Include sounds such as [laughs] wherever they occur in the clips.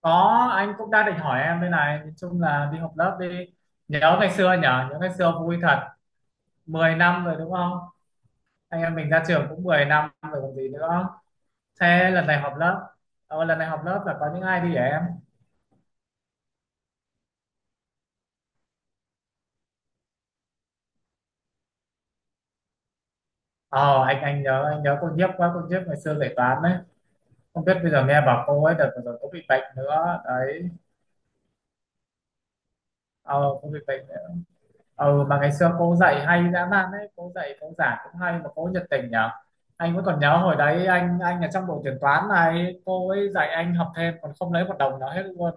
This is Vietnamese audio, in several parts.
Có. Anh cũng đang định hỏi em đây này, nói chung là đi học lớp đi. Nhớ ngày xưa nhở, nhớ ngày xưa vui thật. Mười năm rồi đúng không? Anh em mình ra trường cũng 10 năm rồi còn gì nữa. Thế lần này họp lớp, lần này họp lớp là có những ai đi hả em? Ờ anh nhớ cô Nhiếp quá, cô Nhiếp ngày xưa dạy toán đấy. Không biết bây giờ nghe bảo cô ấy đợt vừa rồi có bị bệnh nữa đấy. Ờ, có bị bệnh nữa. Ừ, mà ngày xưa cô dạy hay dã man đấy, cô dạy cô giảng cũng hay mà cô nhiệt tình nhở. Anh vẫn còn nhớ hồi đấy anh ở trong đội tuyển toán này, cô ấy dạy anh học thêm còn không lấy một đồng nào hết luôn.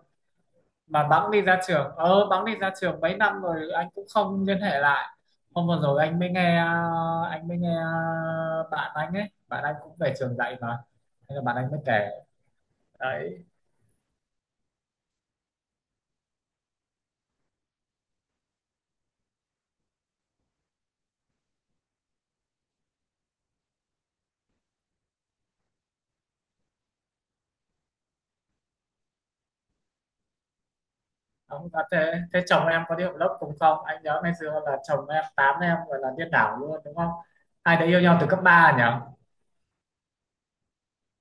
Mà bẵng đi ra trường, mấy năm rồi anh cũng không liên hệ lại. Hôm vừa rồi anh mới nghe, anh mới nghe bạn anh cũng về trường dạy mà, thế là bạn anh mới kể đấy. Ông à, thế chồng em có đi học lớp cùng không? Anh nhớ ngày xưa là chồng em tám em gọi là điên đảo luôn đúng không? Hai đứa yêu nhau từ cấp 3 nhỉ?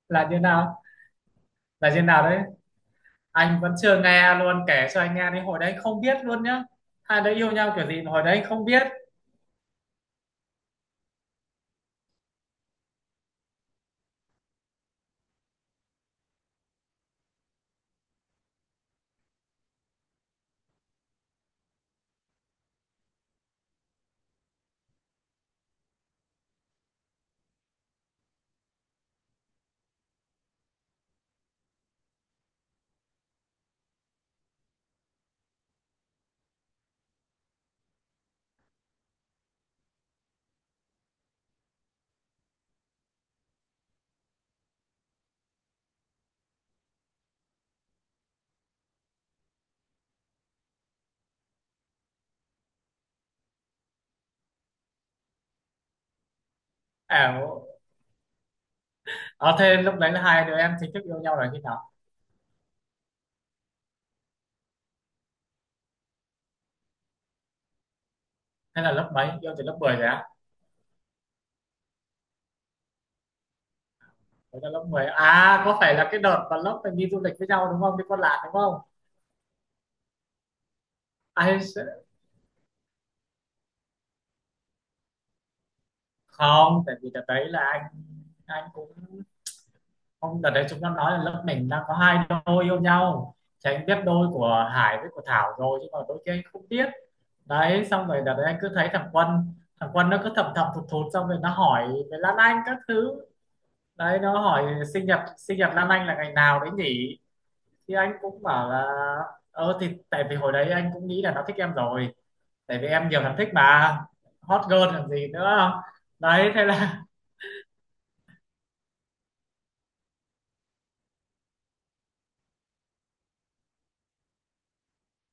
Là như nào? Là như nào đấy? Anh vẫn chưa nghe luôn, kể cho anh nghe đi, hồi đấy không biết luôn nhá. Hai đứa yêu nhau kiểu gì mà hồi đấy không biết. Ảo. Ờ thế lúc đấy là hai đứa em chính thức yêu nhau là khi nào? Hay là lớp mấy? Yêu từ lớp 10 rồi á? Đấy là lớp 10. À, có phải là cái đợt mà lớp mình đi du lịch với nhau đúng không? Đi Con Lạn đúng không? Ai sẽ- Không, tại vì đợt đấy là anh cũng hôm đợt đấy chúng nó nói là lớp mình đang có hai đôi yêu nhau, thì anh biết đôi của Hải với của Thảo rồi chứ còn đôi kia anh không biết. Đấy, xong rồi đợt đấy anh cứ thấy thằng Quân, nó cứ thầm thầm thụt thụt, xong rồi nó hỏi về Lan Anh các thứ. Đấy, nó hỏi sinh nhật Lan Anh là ngày nào đấy nhỉ, thì anh cũng bảo là ờ, thì tại vì hồi đấy anh cũng nghĩ là nó thích em rồi, tại vì em nhiều thằng thích mà, hot girl làm gì nữa. Đấy thế là,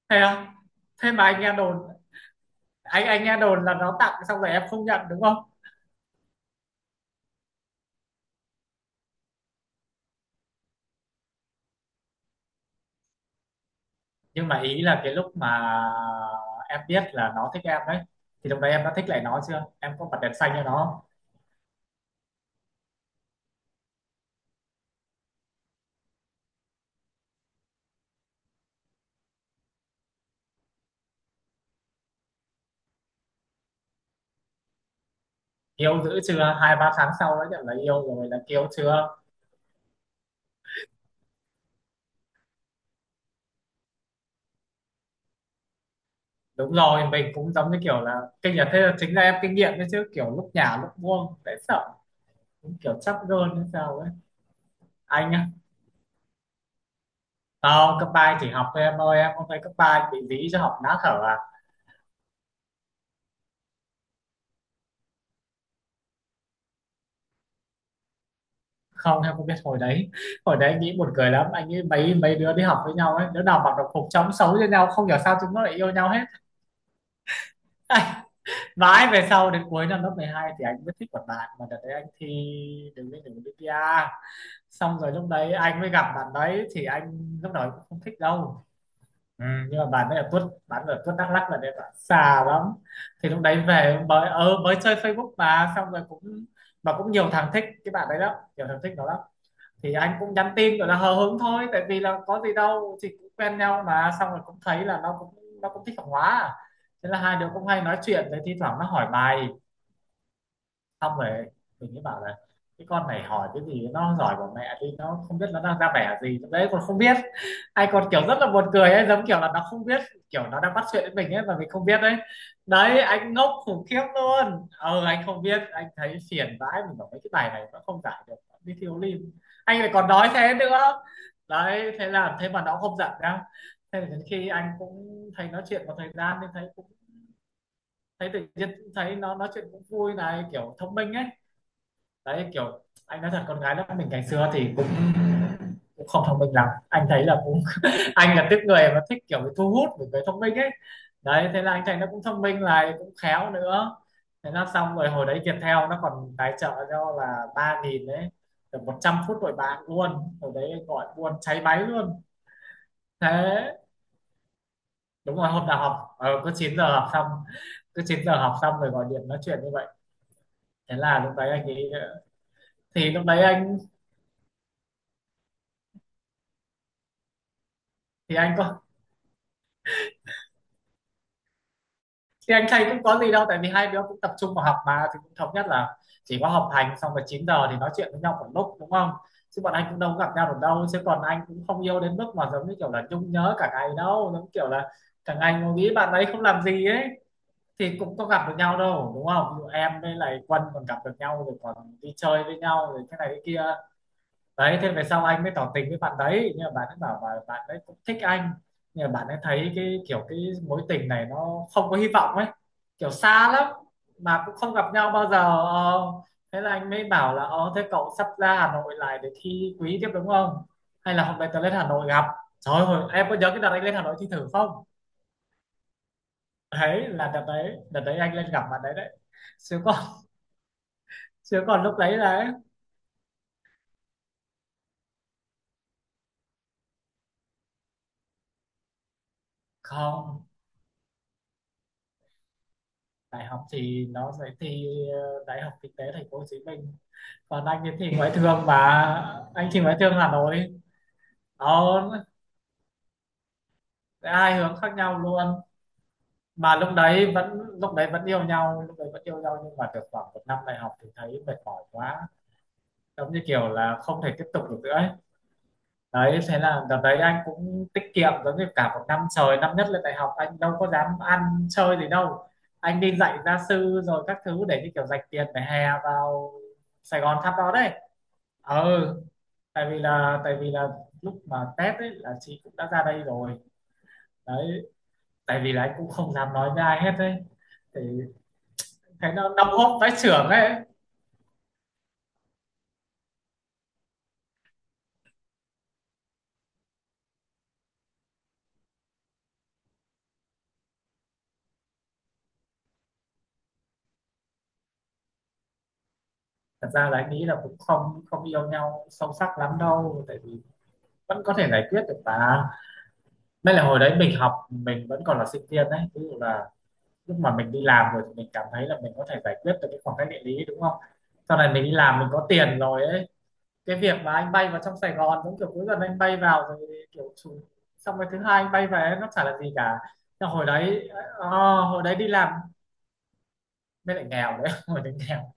thế thế mà anh nghe đồn, anh nghe đồn là nó tặng xong rồi em không nhận đúng không? Nhưng mà ý là cái lúc mà em biết là nó thích em đấy, thì lúc đấy em đã thích lại nó chưa, em có bật đèn xanh cho nó không? Yêu dữ chưa, hai ba tháng sau đã nhận là yêu rồi là kiêu chưa. Đúng rồi, mình cũng giống như kiểu là kinh nghiệm, thế là chính là em kinh nghiệm đấy chứ, kiểu lúc nhả lúc buông dễ sợ, cũng kiểu chắp gơn hay sao ấy. Anh á? Không, cấp ba chỉ học thôi em ơi, em không thấy cấp ba bị dí cho học nát thở à? Không, em không biết hồi đấy. Hồi đấy anh nghĩ buồn cười lắm, anh nghĩ mấy mấy đứa đi học với nhau ấy, đứa nào mặc đồng phục trông xấu cho nhau, không hiểu sao chúng nó lại yêu nhau hết. [laughs] Mãi về sau đến cuối năm lớp 12 thì anh mới thích một bạn, mà đợt đấy anh thi đường lên đường BPA. Xong rồi lúc đấy anh mới gặp bạn đấy, thì lúc đầu anh cũng không thích đâu. Ừ, nhưng mà bạn đấy ở tuốt, bạn ở tuốt Đắk Lắk là đấy, bạn xa lắm. Thì lúc đấy về mới ờ, mới chơi Facebook mà, xong rồi cũng, mà cũng nhiều thằng thích cái bạn đấy lắm, nhiều thằng thích nó lắm. Thì anh cũng nhắn tin gọi là hờ hững thôi, tại vì là có gì đâu, thì cũng quen nhau mà, xong rồi cũng thấy là nó cũng thích học hóa à. Thế là hai đứa cũng hay nói chuyện, rồi thi thoảng nó hỏi bài, xong rồi mình mới bảo là cái con này hỏi cái gì, nó giỏi của mẹ đi, nó không biết nó đang ra vẻ gì trong đấy còn không biết, hay còn kiểu rất là buồn cười ấy, giống kiểu là nó không biết, kiểu nó đang bắt chuyện với mình ấy mà mình không biết đấy. Đấy, anh ngốc khủng khiếp luôn, ờ anh không biết, anh thấy phiền vãi, mình bảo mấy cái bài này nó không giải được, nó đi thiếu lim, anh lại còn nói thế nữa. Đấy thế là, thế mà nó không giận đâu. Thế là đến khi anh cũng thấy nói chuyện một thời gian nên thấy cũng, thấy tự nhiên cũng thấy nó nói chuyện cũng vui này, kiểu thông minh ấy. Đấy kiểu, anh nói thật, con gái lớp mình ngày xưa thì cũng, cũng không thông minh lắm, anh thấy là cũng [laughs] anh là tiếp người mà thích kiểu bị thu hút bởi cái thông minh ấy. Đấy thế là anh thấy nó cũng thông minh lại cũng khéo nữa. Thế là xong rồi, hồi đấy Viettel nó còn tài trợ cho là 3.000 đấy, được 100 phút đổi bạn luôn, hồi đấy gọi buôn cháy máy luôn. Thế đúng rồi, hôm nào học ờ, cứ 9 giờ học xong, rồi gọi điện nói chuyện như vậy. Thế là lúc đấy anh ấy, thì lúc đấy anh, thì anh có thì anh thầy cũng có gì đâu, tại vì hai đứa cũng tập trung vào học mà, thì cũng thống nhất là chỉ có học hành, xong rồi 9 giờ thì nói chuyện với nhau một lúc đúng không. Chứ bọn anh cũng đâu có gặp nhau được đâu, chứ còn anh cũng không yêu đến mức mà giống như kiểu là nhung nhớ cả ngày đâu, giống kiểu là thằng anh mà nghĩ bạn ấy không làm gì ấy, thì cũng có gặp được nhau đâu đúng không? Ví dụ em với lại Quân còn gặp được nhau rồi còn đi chơi với nhau rồi thế này thế kia. Đấy thế về sau anh mới tỏ tình với bạn đấy, nhưng mà bạn ấy bảo là bạn ấy cũng thích anh, nhưng mà bạn ấy thấy cái kiểu, cái mối tình này nó không có hy vọng ấy, kiểu xa lắm, mà cũng không gặp nhau bao giờ. Ờ, thế là anh mới bảo là ờ, thế cậu sắp ra Hà Nội lại để thi quý tiếp đúng không, hay là hôm nay tớ lên Hà Nội gặp. Trời ơi, em có nhớ cái đợt anh lên Hà Nội thi thử không? Đấy là đợt đấy, anh lên gặp bạn đấy đấy, chứ còn [laughs] chứ còn lúc đấy là không. Đại học thì nó sẽ thi ờ, đại học Kinh tế Thành phố Hồ Chí Minh, còn anh ấy thì ngoại thương mà, anh thì ngoại thương Hà Nội. Đó, hai hướng khác nhau luôn, mà lúc đấy vẫn yêu nhau lúc đấy vẫn yêu nhau nhưng mà được khoảng một năm đại học thì thấy mệt mỏi quá, giống như kiểu là không thể tiếp tục được nữa ấy. Đấy thế là đợt đấy anh cũng tiết kiệm, giống như cả một năm trời năm nhất lên đại học anh đâu có dám ăn chơi gì đâu, anh đi dạy gia sư rồi các thứ để như kiểu dành tiền để hè vào Sài Gòn thăm nó đấy. Ừ, tại vì là lúc mà test ấy là chị cũng đã ra đây rồi. Đấy, tại vì là anh cũng không dám nói với ai hết đấy, thì thấy nó đau hốp vãi chưởng ấy. Thật ra là anh nghĩ là cũng không, không yêu nhau sâu sắc lắm đâu, tại vì vẫn có thể giải quyết được mà, mới là hồi đấy mình học mình vẫn còn là sinh viên đấy, ví dụ là lúc mà mình đi làm rồi thì mình cảm thấy là mình có thể giải quyết được cái khoảng cách địa lý đúng không. Sau này mình đi làm mình có tiền rồi ấy, cái việc mà anh bay vào trong Sài Gòn giống kiểu cuối tuần anh bay vào, rồi kiểu chủ, xong cái thứ hai anh bay về, nó chả là gì cả. Nhưng hồi đấy ờ, hồi đấy đi làm mới lại nghèo đấy [laughs] hồi đấy nghèo,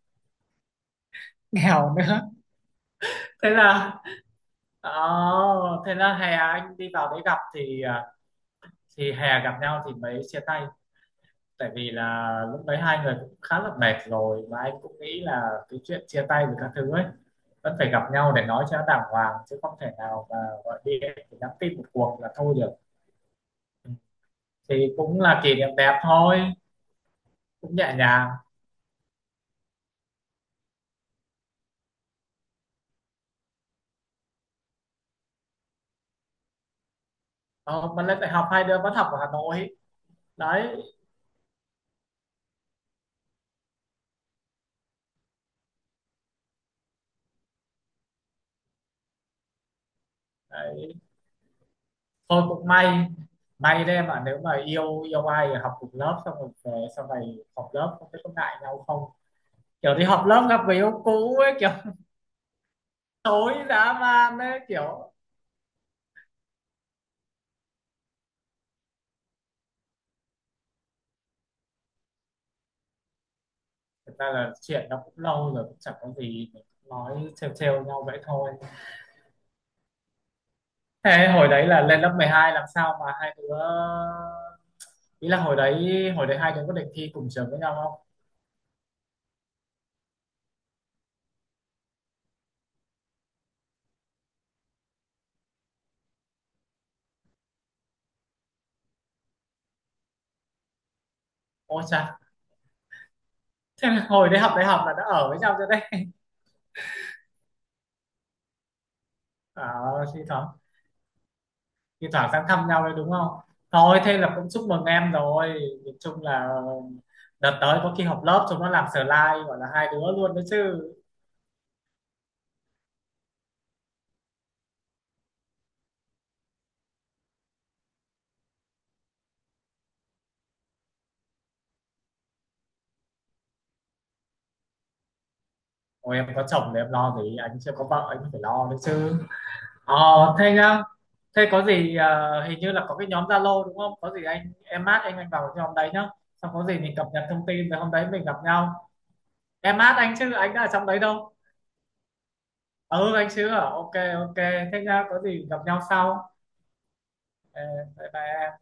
nghèo nữa. Thế là ờ, thế là hè anh đi vào đấy gặp thì à, thì hè gặp nhau thì mới chia tay. Tại vì là lúc đấy hai người cũng khá là mệt rồi, mà anh cũng nghĩ là cái chuyện chia tay với các thứ ấy vẫn phải gặp nhau để nói cho nó đàng hoàng, chứ không thể nào mà gọi điện thì nhắn tin một cuộc là thôi được. Ừ. Thì cũng là kỷ niệm đẹp thôi, cũng nhẹ nhàng. Ờ, mà lên đại học hai đứa vẫn học ở Hà Nội đấy, đấy. Thôi cũng may, may đấy, mà nếu mà yêu yêu ai thì học cùng lớp xong rồi về sau này học lớp không biết có ngại nhau không, kiểu đi học lớp gặp người yêu cũ ấy kiểu [laughs] tối dã man đấy kiểu. Thực ra là chuyện nó cũng lâu rồi cũng chẳng có gì, mình cũng nói trêu trêu nhau vậy thôi. Thế hồi đấy là lên lớp 12 làm sao mà hai đứa, ý là hồi đấy hai đứa có định thi cùng trường với nhau không? Ôi chà, thế là hồi đấy học đại học là đã ở với nhau rồi đấy. À, thi thoảng, thi thoảng sang thăm nhau đấy đúng không? Thôi thế là cũng chúc mừng em rồi. Nhìn chung là đợt tới có khi họp lớp chúng nó làm slide gọi là hai đứa luôn đấy chứ. Ôi em có chồng thì em lo gì, anh chưa có vợ anh phải lo đấy chứ. Ờ thế nhá, thế có gì ờ, hình như là có cái nhóm Zalo đúng không? Có gì anh em mát anh vào cái nhóm đấy nhá. Xong có gì mình cập nhật thông tin rồi hôm đấy mình gặp nhau. Em mát anh chứ anh đã ở trong đấy đâu. Ừ, anh Sứ à, ok. Ok, thế nhá, có gì gặp nhau sau. Ờ, bye bye em.